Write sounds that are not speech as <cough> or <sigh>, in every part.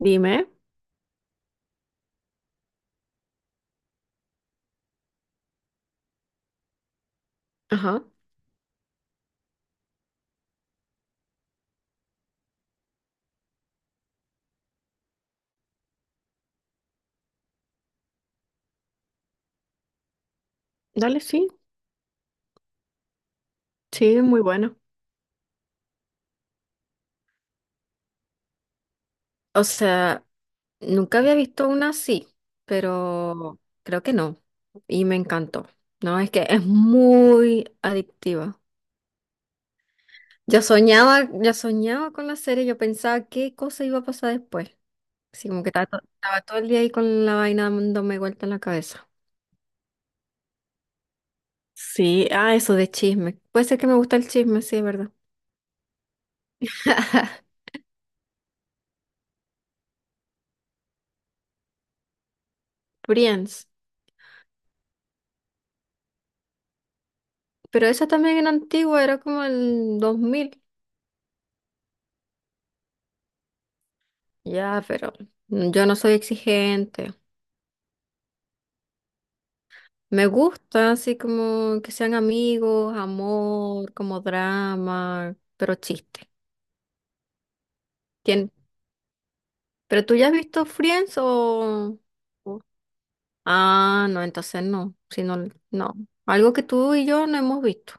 Dime. Ajá. Dale, sí. Sí, muy bueno. O sea, nunca había visto una así, pero creo que no. Y me encantó. No, es que es muy adictiva. Yo soñaba con la serie, yo pensaba qué cosa iba a pasar después. Así como que estaba todo el día ahí con la vaina dándome vuelta en la cabeza. Sí, ah, eso de chisme. Puede ser que me gusta el chisme, sí, es verdad. Friends. Pero esa también era antigua, era como el 2000. Ya, pero yo no soy exigente. Me gusta así como que sean amigos, amor, como drama, pero chiste. ¿Quién? ¿Pero tú ya has visto Friends o...? o- Ah, no, entonces no. Si no, no. Algo que tú y yo no hemos visto.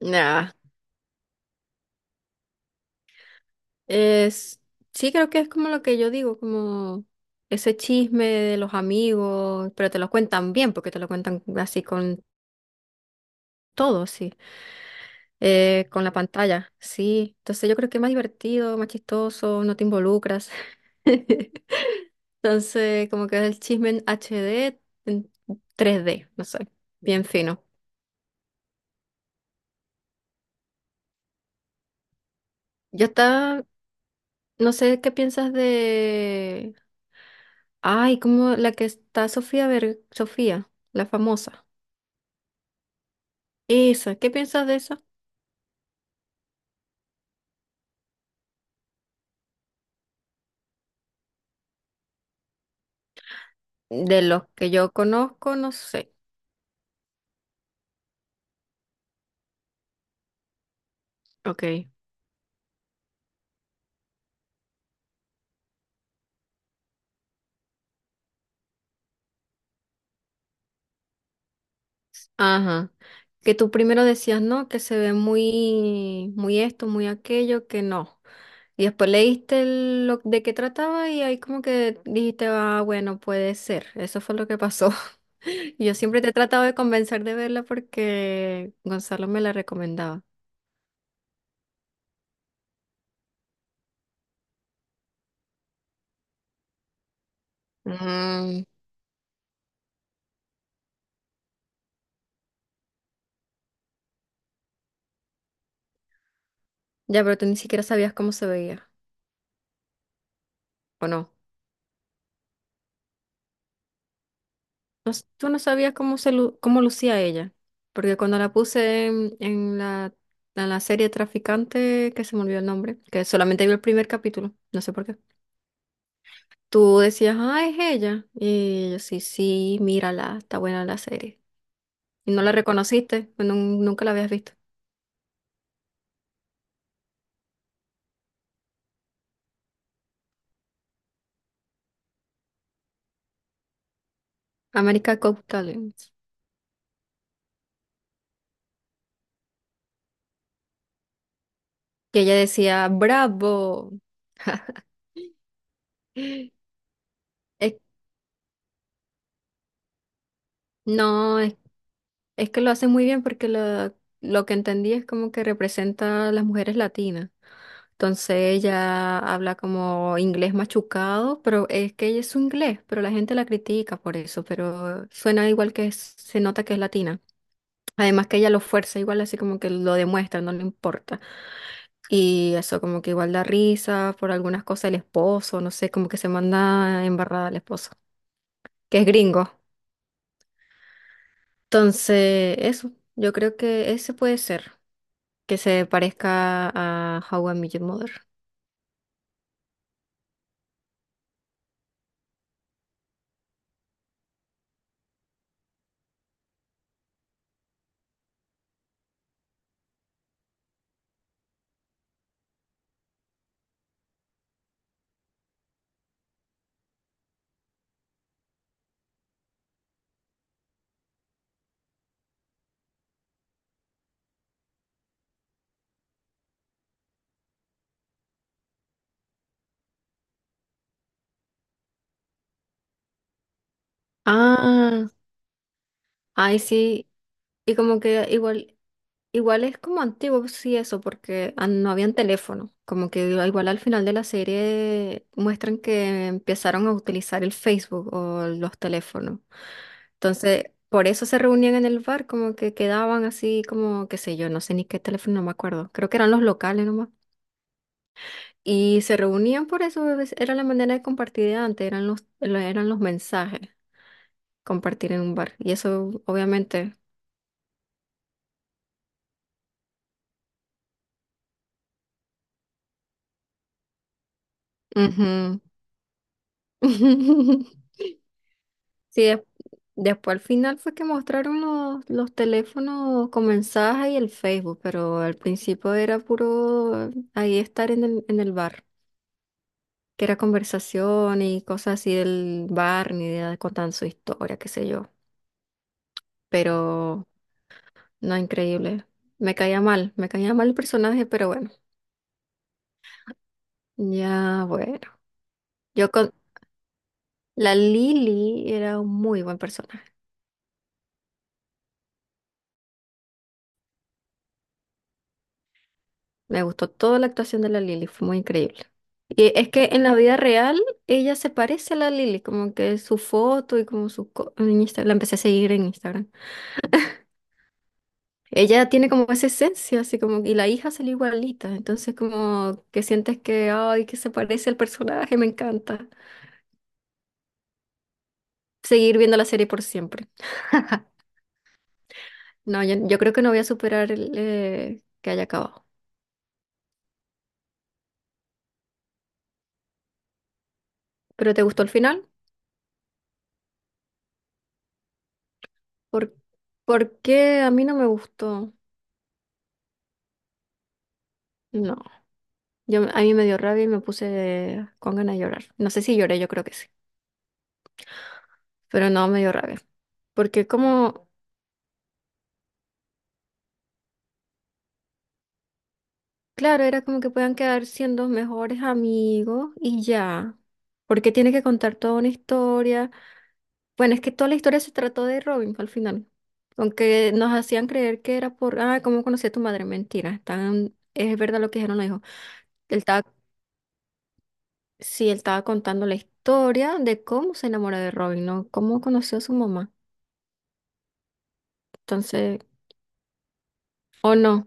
Nah. Es... Sí, creo que es como lo que yo digo, como ese chisme de los amigos, pero te lo cuentan bien, porque te lo cuentan así con todo, sí. Con la pantalla, sí. Entonces yo creo que es más divertido, más chistoso, no te involucras. <laughs> Entonces, como que es el chisme en HD, en 3D, no sé, bien fino. ¿Ya está? No sé qué piensas de... Ay, como la que está Sofía, la famosa. Esa, ¿qué piensas de esa? De los que yo conozco, no sé. Ok. Ajá. Que tú primero decías, no, que se ve muy, muy esto, muy aquello, que no. Y después lo de qué trataba y ahí como que dijiste, ah, bueno, puede ser. Eso fue lo que pasó. <laughs> Yo siempre te he tratado de convencer de verla porque Gonzalo me la recomendaba. Mm, ya, pero tú ni siquiera sabías cómo se veía, ¿o no? Tú no sabías cómo lucía ella, porque cuando la puse en la serie Traficante, que se me olvidó el nombre, que solamente vi el primer capítulo, no sé por qué. Tú decías, ah, es ella. Y yo sí, sí, mírala, está buena la serie. Y no la reconociste, pues nunca la habías visto. America Cop Talents. Y ella decía, bravo. <laughs> Es- no, es que lo hacen muy bien lo que entendí es como que representa a las mujeres latinas. Entonces ella habla como inglés machucado, pero es que ella es su inglés, pero la gente la critica por eso, pero suena igual que se nota que es latina. Además que ella lo fuerza igual, así como que lo demuestra, no le importa. Y eso como que igual da risa por algunas cosas el esposo, no sé, como que se manda embarrada al esposo, que es gringo. Entonces, eso, yo creo que ese puede ser, que se parezca a How I Met Your Mother. Ah, ay, sí. Y como que igual, igual es como antiguo, sí, eso, porque no habían teléfono. Como que igual al final de la serie muestran que empezaron a utilizar el Facebook o los teléfonos. Entonces, por eso se reunían en el bar, como que quedaban así, como, qué sé yo, no sé ni qué teléfono, no me acuerdo. Creo que eran los locales nomás. Y se reunían por eso, era la manera de compartir de antes, eran eran los mensajes, compartir en un bar. Y eso, obviamente. Ujú. <laughs> Sí, des- después al final fue que mostraron los teléfonos con mensaje y el Facebook, pero al principio era puro ahí estar en el bar, que era conversación y cosas así del bar, ni idea de contar su historia, qué sé yo. Pero no, increíble. Me caía mal el personaje, pero bueno, ya bueno. Yo con La Lily era un muy buen personaje. Me gustó toda la actuación de la Lily, fue muy increíble. Y es que en la vida real ella se parece a la Lily, como que su foto y como En Instagram, la empecé a seguir en Instagram. Ella tiene como esa esencia, así como... Y la hija salió igualita, entonces como que sientes que, ay, que se parece al personaje, me encanta. Seguir viendo la serie por siempre. No, yo creo que no voy a superar que haya acabado. ¿Pero te gustó el final? ¿Por, por qué a mí no me gustó? No. Yo, a mí me dio rabia y me puse con ganas de llorar. No sé si lloré, yo creo que sí, pero no me dio rabia. Porque como, claro, era como que puedan quedar siendo mejores amigos y ya. Porque tiene que contar toda una historia. Bueno, es que toda la historia se trató de Robin al final. Aunque nos hacían creer que era por, ah, ¿cómo conocí a tu madre? Mentira. Están, es verdad lo que dijeron los hijos. Él estaba, sí, él estaba contando la historia de cómo se enamoró de Robin, ¿no? Cómo conoció a su mamá. Entonces, o no.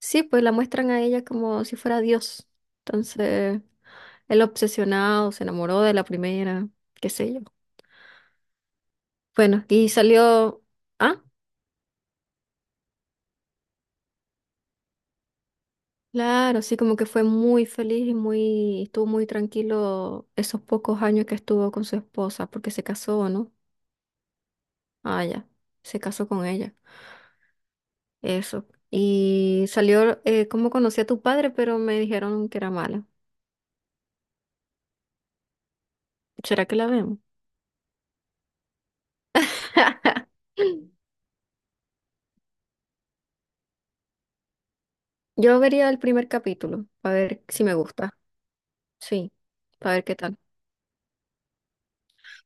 Sí, pues la muestran a ella como si fuera Dios. Entonces, él obsesionado, se enamoró de la primera, qué sé yo. Bueno, y salió, ah, claro, sí, como que fue muy feliz y muy, estuvo muy tranquilo esos pocos años que estuvo con su esposa, porque se casó, ¿no? Ah, ya, se casó con ella, eso. Y salió, ¿cómo conocí a tu padre? Pero me dijeron que era mala. ¿Será que la vemos? <laughs> Yo vería el primer capítulo, a ver si me gusta. Sí, para ver qué tal.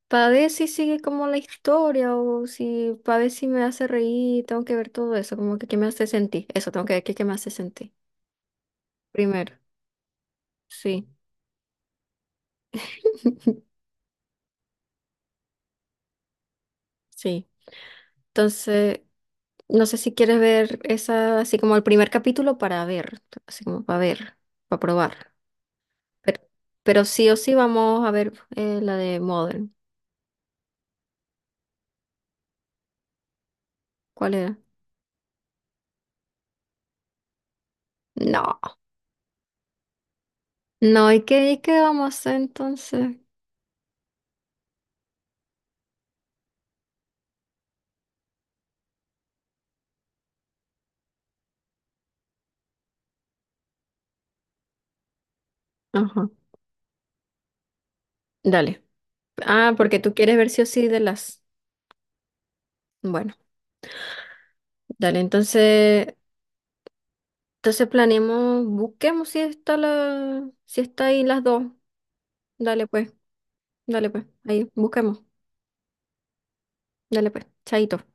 Para ver si sigue como la historia o si, para ver si me hace reír, tengo que ver todo eso, como que qué me hace sentir. Eso, tengo que ver qué, qué me hace sentir. Primero, sí. <laughs> Sí. Entonces, no sé si quieres ver esa, así como el primer capítulo para ver, así como para ver, para probar. Pero, pero sí o sí vamos a ver la de Modern. ¿Cuál era? No, no, y qué vamos a hacer entonces? Ajá, dale. Ah, porque tú quieres ver sí o sí de las. Bueno, dale, entonces planeemos, busquemos si está si está ahí las dos. Dale pues, Dale pues, ahí, busquemos, dale pues, chaito.